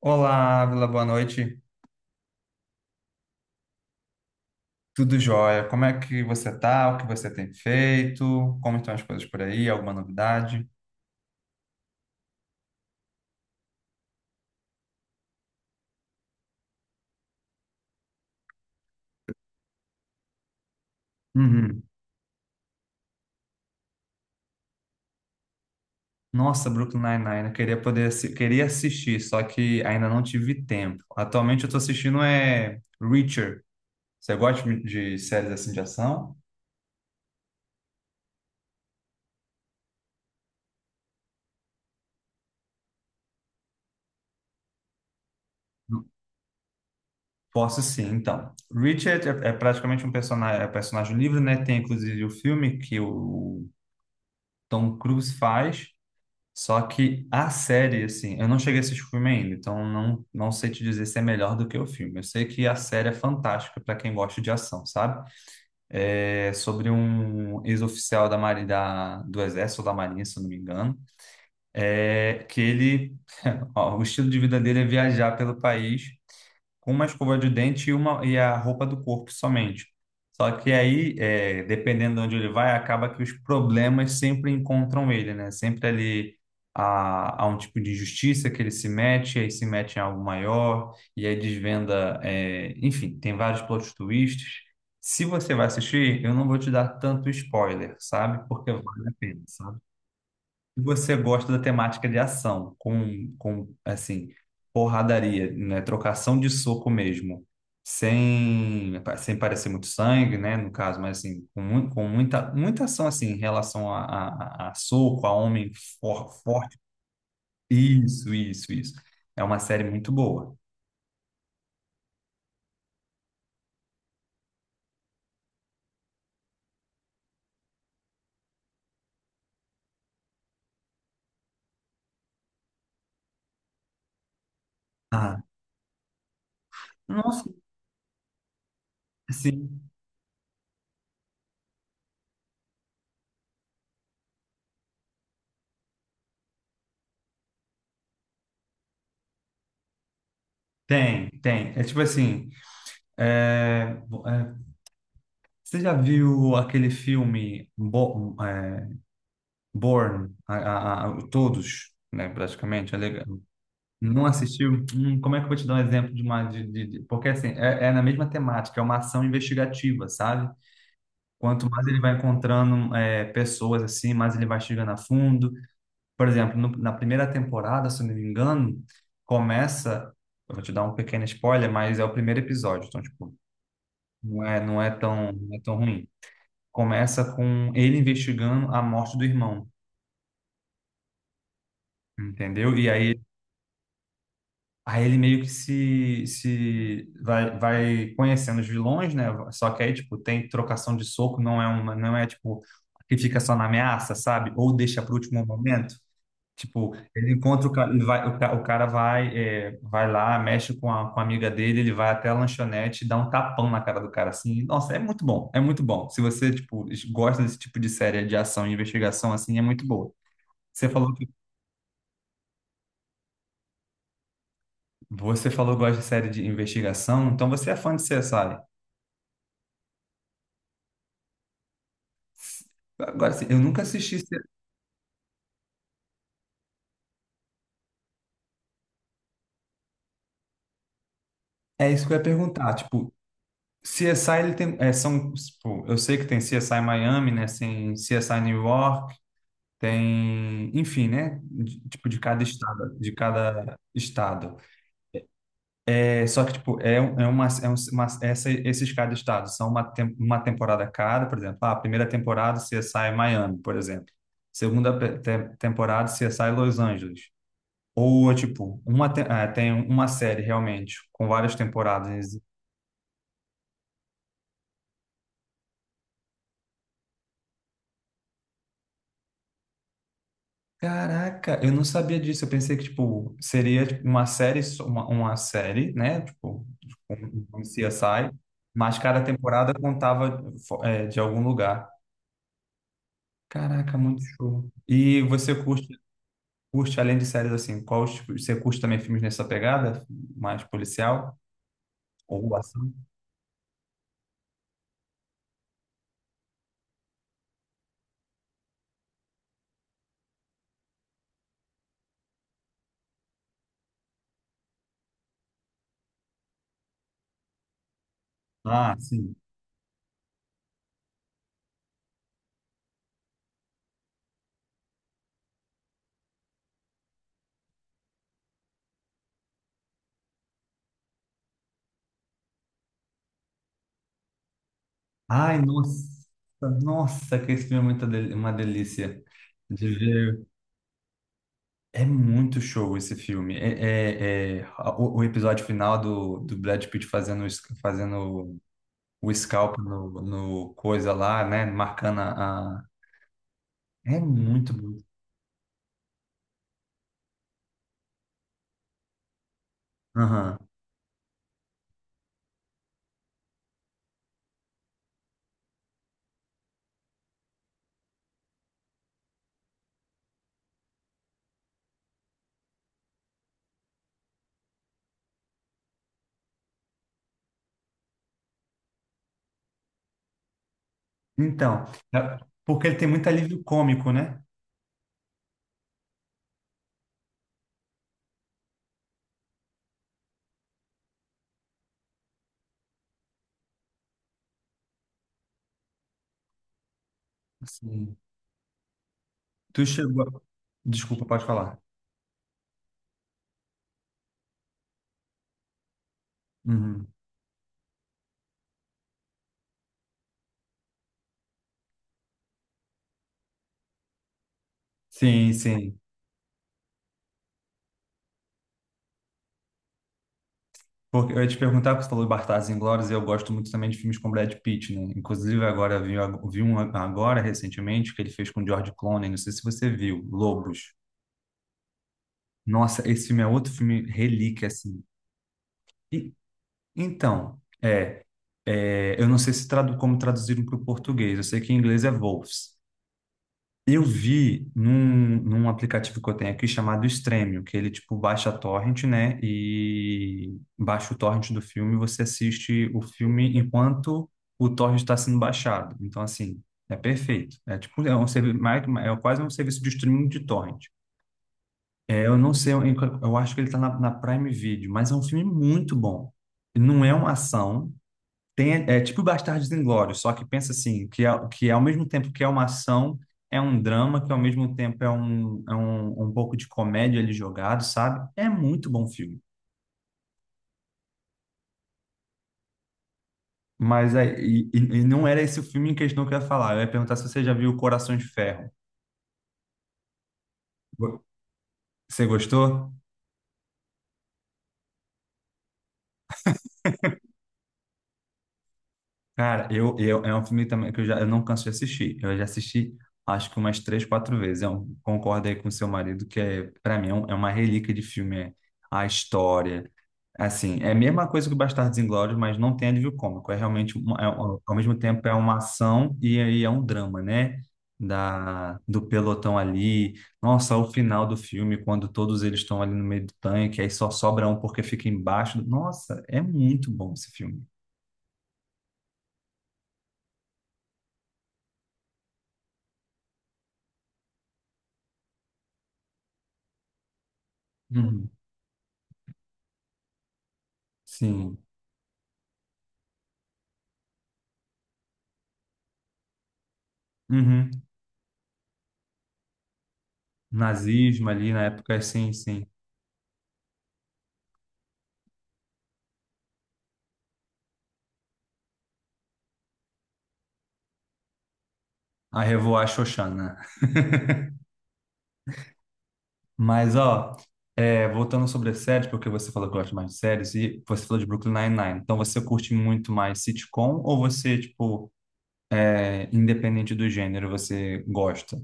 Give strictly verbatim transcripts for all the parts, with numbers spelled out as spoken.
Olá, Ávila, boa noite. Tudo jóia? Como é que você tá? O que você tem feito? Como estão as coisas por aí? Alguma novidade? Uhum. Nossa, Brooklyn Nine-Nine, eu queria poder assi- queria assistir, só que ainda não tive tempo. Atualmente eu tô assistindo é Reacher. Você gosta de de séries assim de ação? Posso sim, então. Richard é, é praticamente um personagem, é personagem livre, né? Tem inclusive o filme que o Tom Cruise faz. Só que a série, assim, eu não cheguei a assistir o filme ainda, então não, não sei te dizer se é melhor do que o filme. Eu sei que a série é fantástica para quem gosta de ação, sabe? É sobre um ex-oficial da Marinha, da, do Exército ou da Marinha, se eu não me engano, é, que ele, ó, o estilo de vida dele é viajar pelo país com uma escova de dente e, uma, e a roupa do corpo somente. Só que aí, é, dependendo de onde ele vai, acaba que os problemas sempre encontram ele, né? Sempre ali há, há um tipo de injustiça que ele se mete, aí se mete em algo maior, e aí desvenda. É, enfim, tem vários plot twists. Se você vai assistir, eu não vou te dar tanto spoiler, sabe? Porque vale a pena, sabe? E você gosta da temática de ação, com, com assim, porradaria, né? Trocação de soco mesmo. Sem, sem parecer muito sangue, né? No caso, mas assim, com, mui- com muita, muita ação assim, em relação a, a, a a soco, a homem for- forte. Isso, isso, isso. É uma série muito boa. Ah, nossa, sim, tem, tem. É tipo assim, é, é, você já viu aquele filme Born, a, a- a- todos, né, praticamente, é legal. Não assistiu? Hum, como é que eu vou te dar um exemplo de uma... De, de- de- porque, assim, é, é na mesma temática, é uma ação investigativa, sabe? Quanto mais ele vai encontrando é, pessoas, assim, mais ele vai chegando a fundo. Por exemplo, no- na primeira temporada, se eu não me engano, começa... Eu vou te dar um pequeno spoiler, mas é o primeiro episódio, então, tipo, não é, não é tão, não é tão ruim. Começa com ele investigando a morte do irmão, entendeu? E aí Aí ele meio que se, se vai, vai conhecendo os vilões, né? Só que aí, tipo, tem trocação de soco, não é uma, não é tipo que fica só na ameaça, sabe? Ou deixa para o último momento. Tipo, ele encontra o cara, ele vai, o, ca- o cara vai, é, vai lá, mexe com a, com a amiga dele, ele vai até a lanchonete, e dá um tapão na cara do cara assim. Nossa, é muito bom, é muito bom. Se você, tipo, gosta desse tipo de série de ação e investigação assim, é muito boa. Você falou que Você falou que gosta de série de investigação, então você é fã de C S I. Agora, assim, eu nunca assisti. C- É isso que eu ia perguntar. Tipo, C S I, ele tem. É, são, tipo, eu sei que tem C S I Miami, né? Tem C S I New York, tem. Enfim, né? de- tipo, de cada estado. De cada estado. É, só que, tipo, é, um- é uma. É um- uma essa, esses cada estado são uma, tem- uma temporada cada, por exemplo. Ah, a primeira temporada C S I Miami, por exemplo. Segunda pe- te- temporada C S I Los Angeles. Ou é tipo, uma te- ah, tem uma série realmente, com várias temporadas. Caraca, eu não sabia disso. Eu pensei que, tipo, seria tipo, uma série, só- uma, uma série, né? Tipo, um um C S I, mas cada temporada contava fo- é, de algum lugar. Caraca, muito show. E você curte, curte além de séries assim, qual, os tipos- você curte também filmes nessa pegada? Mais policial? Ou ação? Ah, sim. Ai, nossa, nossa, que esse filme é muita del- uma delícia de ver. É muito show esse filme. É, é- é- a- o, o episódio final do, do Brad Pitt fazendo, o es- fazendo o scalp no, no coisa lá, né? Marcando a. a- É muito bom. Aham. Então, é- porque ele tem muito alívio cômico, né? Sim. Tu chegou. A- Desculpa, pode falar. Uhum. Sim, sim. Porque eu ia te perguntar, porque você falou de Bastardos Inglórios, e eu gosto muito também de filmes com Brad Pitt, né? Inclusive, agora vi, vi um agora, recentemente, que ele fez com George Clooney, não sei se você viu, Lobos. Nossa, esse filme é outro filme relíquia, assim. E, então, é, é, eu não sei se tradu como traduziram para o português, eu sei que em inglês é Wolves. Eu vi num, num aplicativo que eu tenho aqui chamado Stremio, que ele tipo baixa a torrent, né? E baixa o torrent do filme, você assiste o filme enquanto o torrent está sendo baixado. Então assim, é perfeito. É tipo é um serviço, é quase um serviço de streaming de torrent. É, eu não sei, eu, eu acho que ele está na, na Prime Video, mas é um filme muito bom. Não é uma ação, tem, é tipo Bastardos Inglórios, só que pensa assim, que, é, que é ao mesmo tempo que é uma ação, é um drama, que ao mesmo tempo é um, é um, um pouco de comédia ali jogado, sabe? É muito bom filme. Mas é, e, e e não era esse o filme em questão que eu ia falar. Eu ia perguntar se você já viu Coração de Ferro. Você gostou? Cara, eu, eu, é um filme também que eu já eu não canso de assistir. Eu já assisti, acho que umas três, quatro vezes. Eu concordo aí com o seu marido, que é, para mim é, um- é uma relíquia de filme. É a história. Assim, é a mesma coisa que o Bastardos Inglórios, mas não tem alívio cômico. É realmente, uma- é um- ao mesmo tempo, é uma ação e aí é um drama, né? Da, do pelotão ali. Nossa, o final do filme, quando todos eles estão ali no meio do tanque, aí só sobra um porque fica embaixo. Do- Nossa, é muito bom esse filme. Uhum. Sim. Uhum. Nazismo ali na época, sim, sim. A Revoar Xoxana. Mas, ó, é, voltando sobre as séries, porque você falou que gosta mais de séries e você falou de Brooklyn Nine-Nine. Então, você curte muito mais sitcom ou você, tipo, é, independente do gênero, você gosta?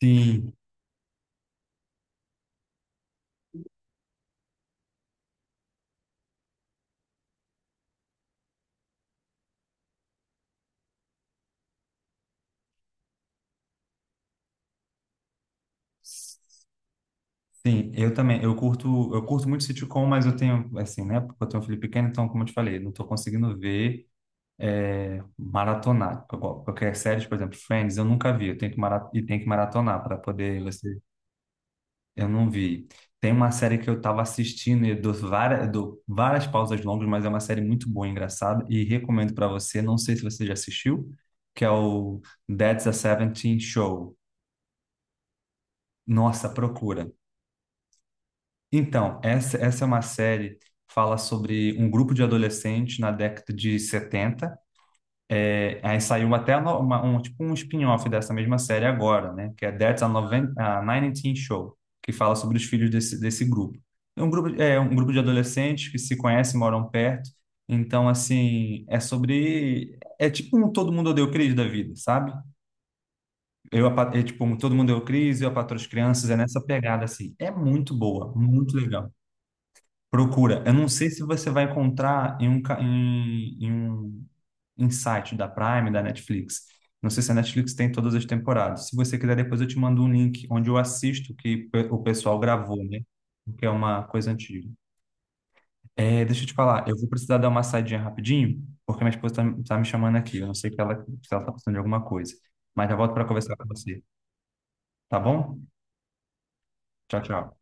Sim, sim, eu também. Eu curto, eu curto muito sitcom, mas eu tenho, assim, né? Porque eu tenho um filho pequeno, então, como eu te falei, não tô conseguindo ver. É, maratonar. Qual- Qualquer série, por exemplo, Friends, eu nunca vi, eu tenho que mara- e tem que maratonar para poder você. Eu não vi. Tem uma série que eu estava assistindo e dou várias, dou várias pausas longas, mas é uma série muito boa, engraçada, e recomendo para você. Não sei se você já assistiu, que é o That's a Seventeen Show. Nossa, procura. Então, essa, essa é uma série que fala sobre um grupo de adolescentes na década de setenta. É, aí saiu até no- uma- um, tipo um spin-off dessa mesma série agora, né? Que é That's a, Noven a dezenove Show, que fala sobre os filhos desse, desse grupo. É um grupo, é um grupo de adolescentes que se conhecem, moram perto. Então, assim, é sobre... É tipo um Todo Mundo Odeia o Chris da vida, sabe? Eu, a Pa- é tipo um Todo Mundo Odeia o Chris, Eu, a Patroa e as Crianças, é nessa pegada, assim. É muito boa, muito legal. Procura. Eu não sei se você vai encontrar em um, ca- em, em um Insight da Prime, da Netflix. Não sei se a Netflix tem todas as temporadas. Se você quiser, depois eu te mando um link onde eu assisto que pe- o pessoal gravou, né? Porque é uma coisa antiga. É, deixa eu te falar, eu vou precisar dar uma saidinha rapidinho, porque minha esposa tá, tá me chamando aqui. Eu não sei que ela, se ela tá precisando de alguma coisa. Mas já volto para conversar com você, tá bom? Tchau, tchau.